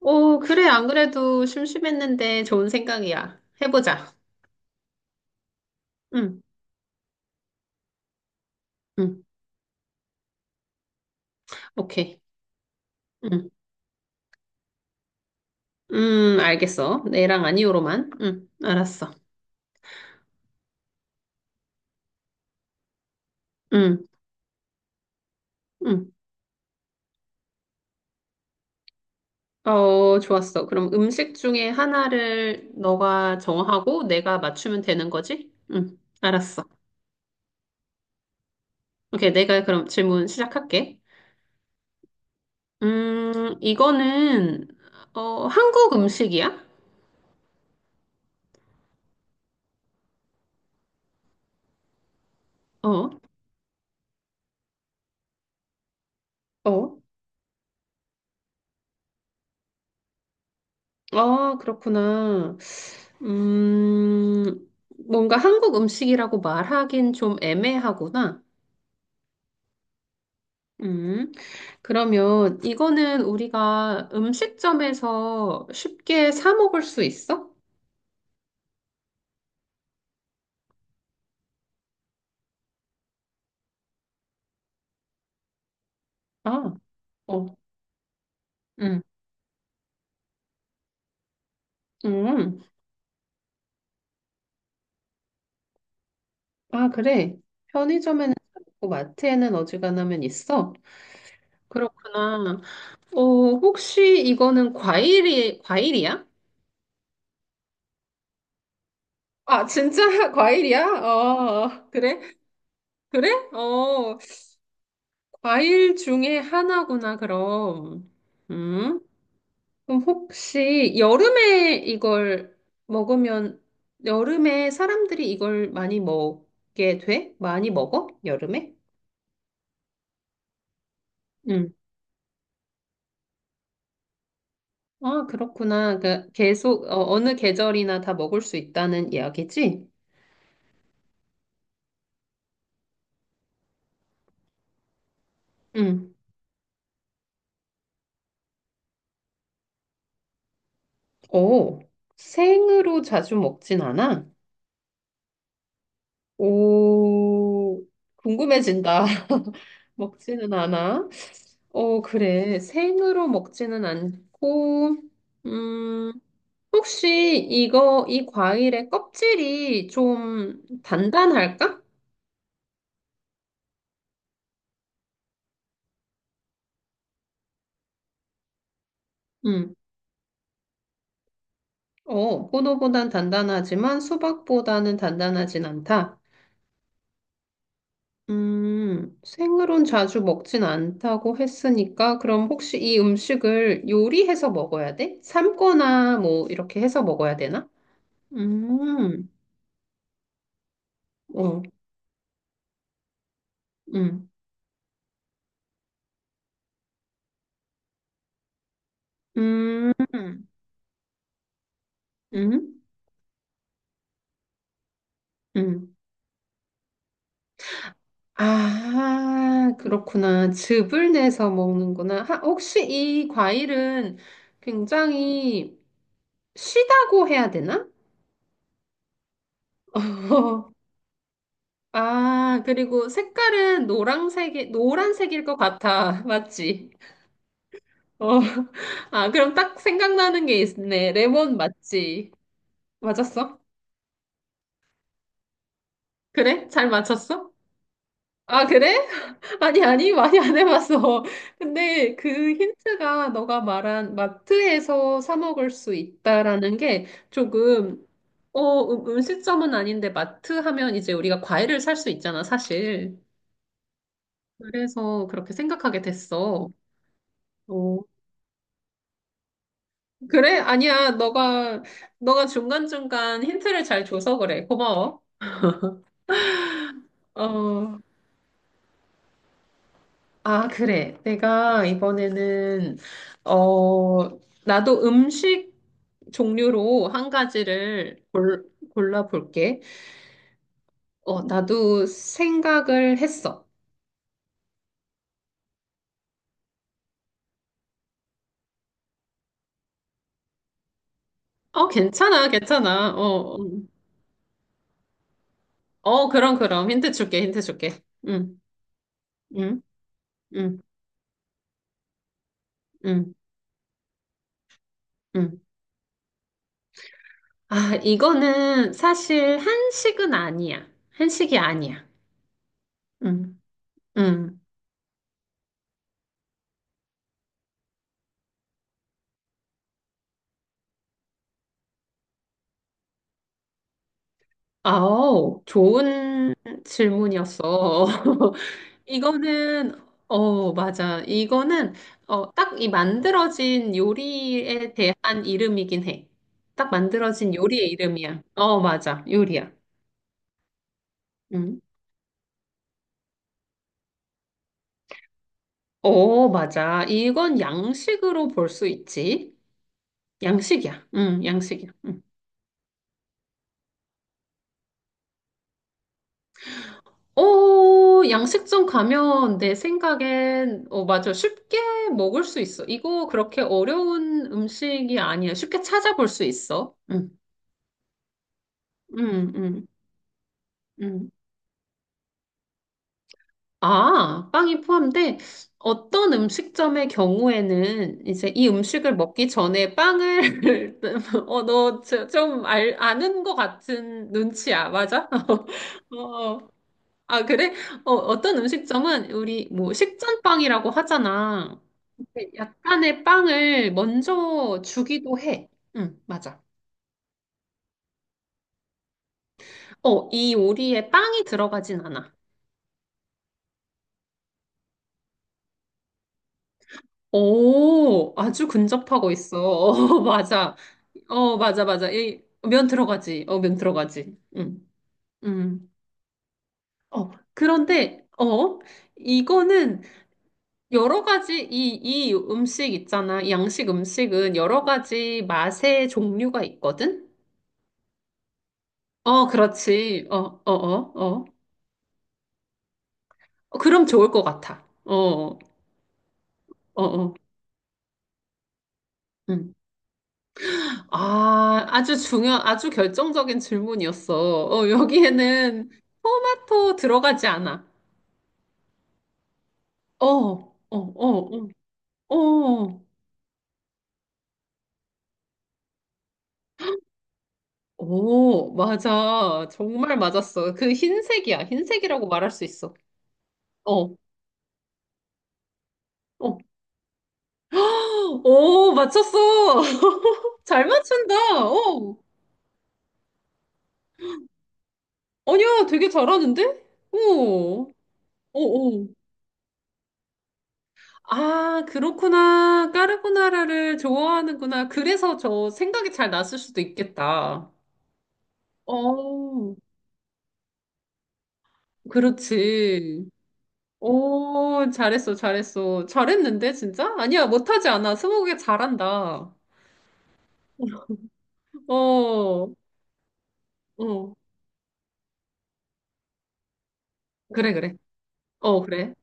오, 그래. 안 그래도 심심했는데 좋은 생각이야. 해보자. 응, 응. 오케이. 응, 알겠어. 네랑 아니오로만. 응, 알았어. 응, 응. 어, 좋았어. 그럼 음식 중에 하나를 너가 정하고 내가 맞추면 되는 거지? 응, 알았어. 오케이. 내가 그럼 질문 시작할게. 음, 이거는, 한국 음식이야? 어, 어. 아, 그렇구나. 음, 뭔가 한국 음식이라고 말하긴 좀 애매하구나. 음, 그러면 이거는 우리가 음식점에서 쉽게 사 먹을 수 있어? 아, 어, 음, 음. 아, 그래. 편의점에는 있고 마트에는 어지간하면 있어. 그렇구나. 어, 혹시 이거는 과일이야? 아, 진짜 과일이야? 어, 그래? 그래? 어, 과일 중에 하나구나, 그럼. 음? 그럼 혹시 여름에 이걸 먹으면, 여름에 사람들이 이걸 많이 먹게 돼? 많이 먹어? 여름에? 음. 아, 그렇구나. 그 계속, 어, 느 계절이나 다 먹을 수 있다는 이야기지? 음. 오, 생으로 자주 먹진 않아? 오, 궁금해진다. 먹지는 않아? 어, 그래. 생으로 먹지는 않고, 음, 혹시 이 과일의 껍질이 좀 단단할까? 음, 어, 포도보단 단단하지만 수박보다는 단단하진 않다. 생으론 자주 먹진 않다고 했으니까, 그럼 혹시 이 음식을 요리해서 먹어야 돼? 삶거나 뭐, 이렇게 해서 먹어야 되나? 음, 어, 음, 음, 음, 음. 아, 그렇구나. 즙을 내서 먹는구나. 혹시 이 과일은 굉장히 시다고 해야 되나? 아, 그리고 색깔은 노란색일 것 같아. 맞지? 어. 아, 그럼 딱 생각나는 게 있네. 레몬 맞지? 맞았어? 그래? 잘 맞췄어? 아, 그래? 아니, 많이 안 해봤어. 근데 그 힌트가 너가 말한 마트에서 사 먹을 수 있다라는 게 조금, 음식점은 아닌데 마트 하면 이제 우리가 과일을 살 수 있잖아, 사실. 그래서 그렇게 생각하게 됐어. 어, 그래? 아니야, 너가 중간중간 힌트를 잘 줘서 그래. 고마워. 어, 아, 그래. 어, 나도 음식 종류로 골라볼게. 어, 나도 생각을 했어. 어, 괜찮아, 괜찮아. 어, 어, 그럼, 그럼. 힌트 줄게, 힌트 줄게. 응, 응, 응, 응, 응. 아, 이거는 사실 한식은 아니야. 한식이 아니야. 응, 응. 아우, 좋은 질문이었어. 이거는 어 맞아. 이거는 어딱 이 만들어진 요리에 대한 이름이긴 해. 딱 만들어진 요리의 이름이야. 어 맞아. 요리야. 음. 어 맞아. 이건 양식으로 볼 수 있지. 양식이야. 양식이야. 음. 어 양식점 가면 내 생각엔 어 맞아. 쉽게 먹을 수 있어. 이거 그렇게 어려운 음식이 아니야. 쉽게 찾아볼 수 있어. 음. 음, 음, 음. 아, 빵이 포함돼? 어떤 음식점의 경우에는 이제 이 음식을 먹기 전에 빵을, 어, 너 아는 것 같은 눈치야, 맞아? 어, 아, 그래? 어, 어떤 음식점은 우리 뭐 식전빵이라고 하잖아. 근데 약간의 빵을 먼저 주기도 해. 응, 맞아. 어, 이 요리에 빵이 들어가진 않아. 오, 아주 근접하고 있어. 어, 맞아. 어, 맞아. 면 들어가지. 어, 면 들어가지. 응 음. 어, 그런데, 어, 이거는 이 음식 있잖아. 이 양식 음식은 여러 가지 맛의 종류가 있거든? 어, 그렇지. 어, 어, 어, 어. 어, 그럼 좋을 것 같아. 어, 어, 어. 음. 아, 아주 결정적인 질문이었어. 어, 여기에는 토마토 들어가지 않아. 어, 어, 어, 어. 어. 오, 맞아. 정말 맞았어. 그 흰색이야. 흰색이라고 말할 수 있어. 어, 어. 오, 맞췄어. 잘 맞춘다. 어. 아니야, 되게 잘하는데? 오, 오, 오. 아, 그렇구나. 까르보나라를 좋아하는구나. 그래서 저 생각이 잘 났을 수도 있겠다. 어, 그렇지. 오, 잘했어. 잘했는데, 진짜? 아니야, 못하지 않아. 스무고개 잘한다. 어, 어, 그래, 그래. 어, 그래.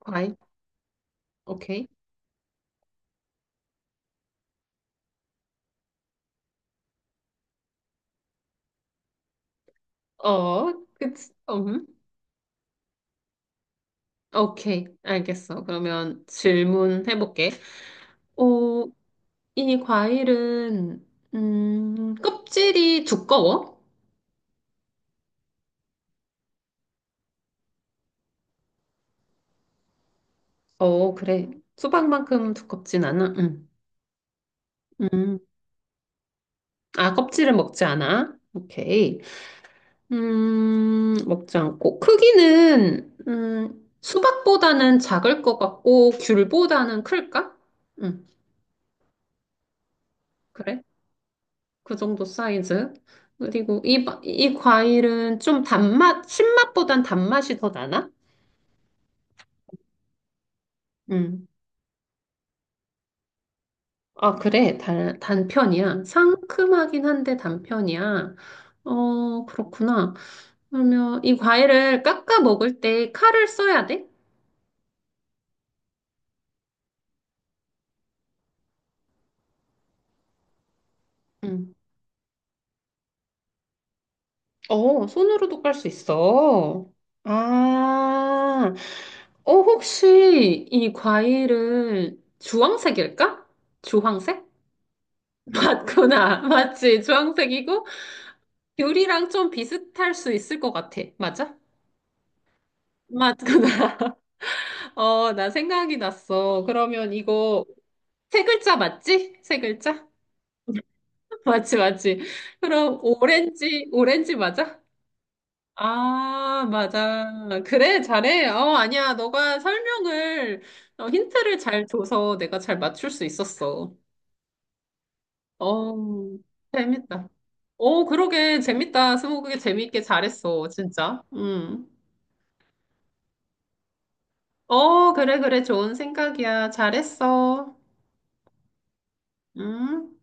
과일. 오케이. 어, 그치. 오케이. 알겠어. 그러면 질문 해볼게. 어, 이 과일은, 껍질이 두꺼워? 어, 그래. 수박만큼 두껍진 않아? 응. 음, 아, 껍질은 먹지 않아? 오케이. 먹지 않고. 크기는, 수박보다는 작을 것 같고, 귤보다는 클까? 음, 그래. 그 정도 사이즈. 그리고 이 과일은 신맛보단 단맛이 더 나나? 음. 아, 그래. 단편이야. 상큼하긴 한데 단편이야. 어, 그렇구나. 그러면 이 과일을 깎아 먹을 때 칼을 써야 돼? 응. 어, 손으로도 깔 수 있어. 아, 어, 혹시 이 과일은 주황색일까? 주황색? 맞구나. 맞지. 주황색이고, 귤이랑 좀 비슷할 수 있을 것 같아. 맞아? 맞구나. 어, 나 생각이 났어. 그러면 이거 세 글자 맞지? 세 글자? 맞지, 맞지. 그럼 오렌지 맞아? 아, 맞아. 그래, 잘해. 어, 아니야. 힌트를 잘 줘서 내가 잘 맞출 수 있었어. 어, 재밌다. 어, 그러게. 재밌다. 스무고개 재밌게 잘했어. 진짜. 음. 어, 그래, 그래. 좋은 생각이야. 잘했어. 음.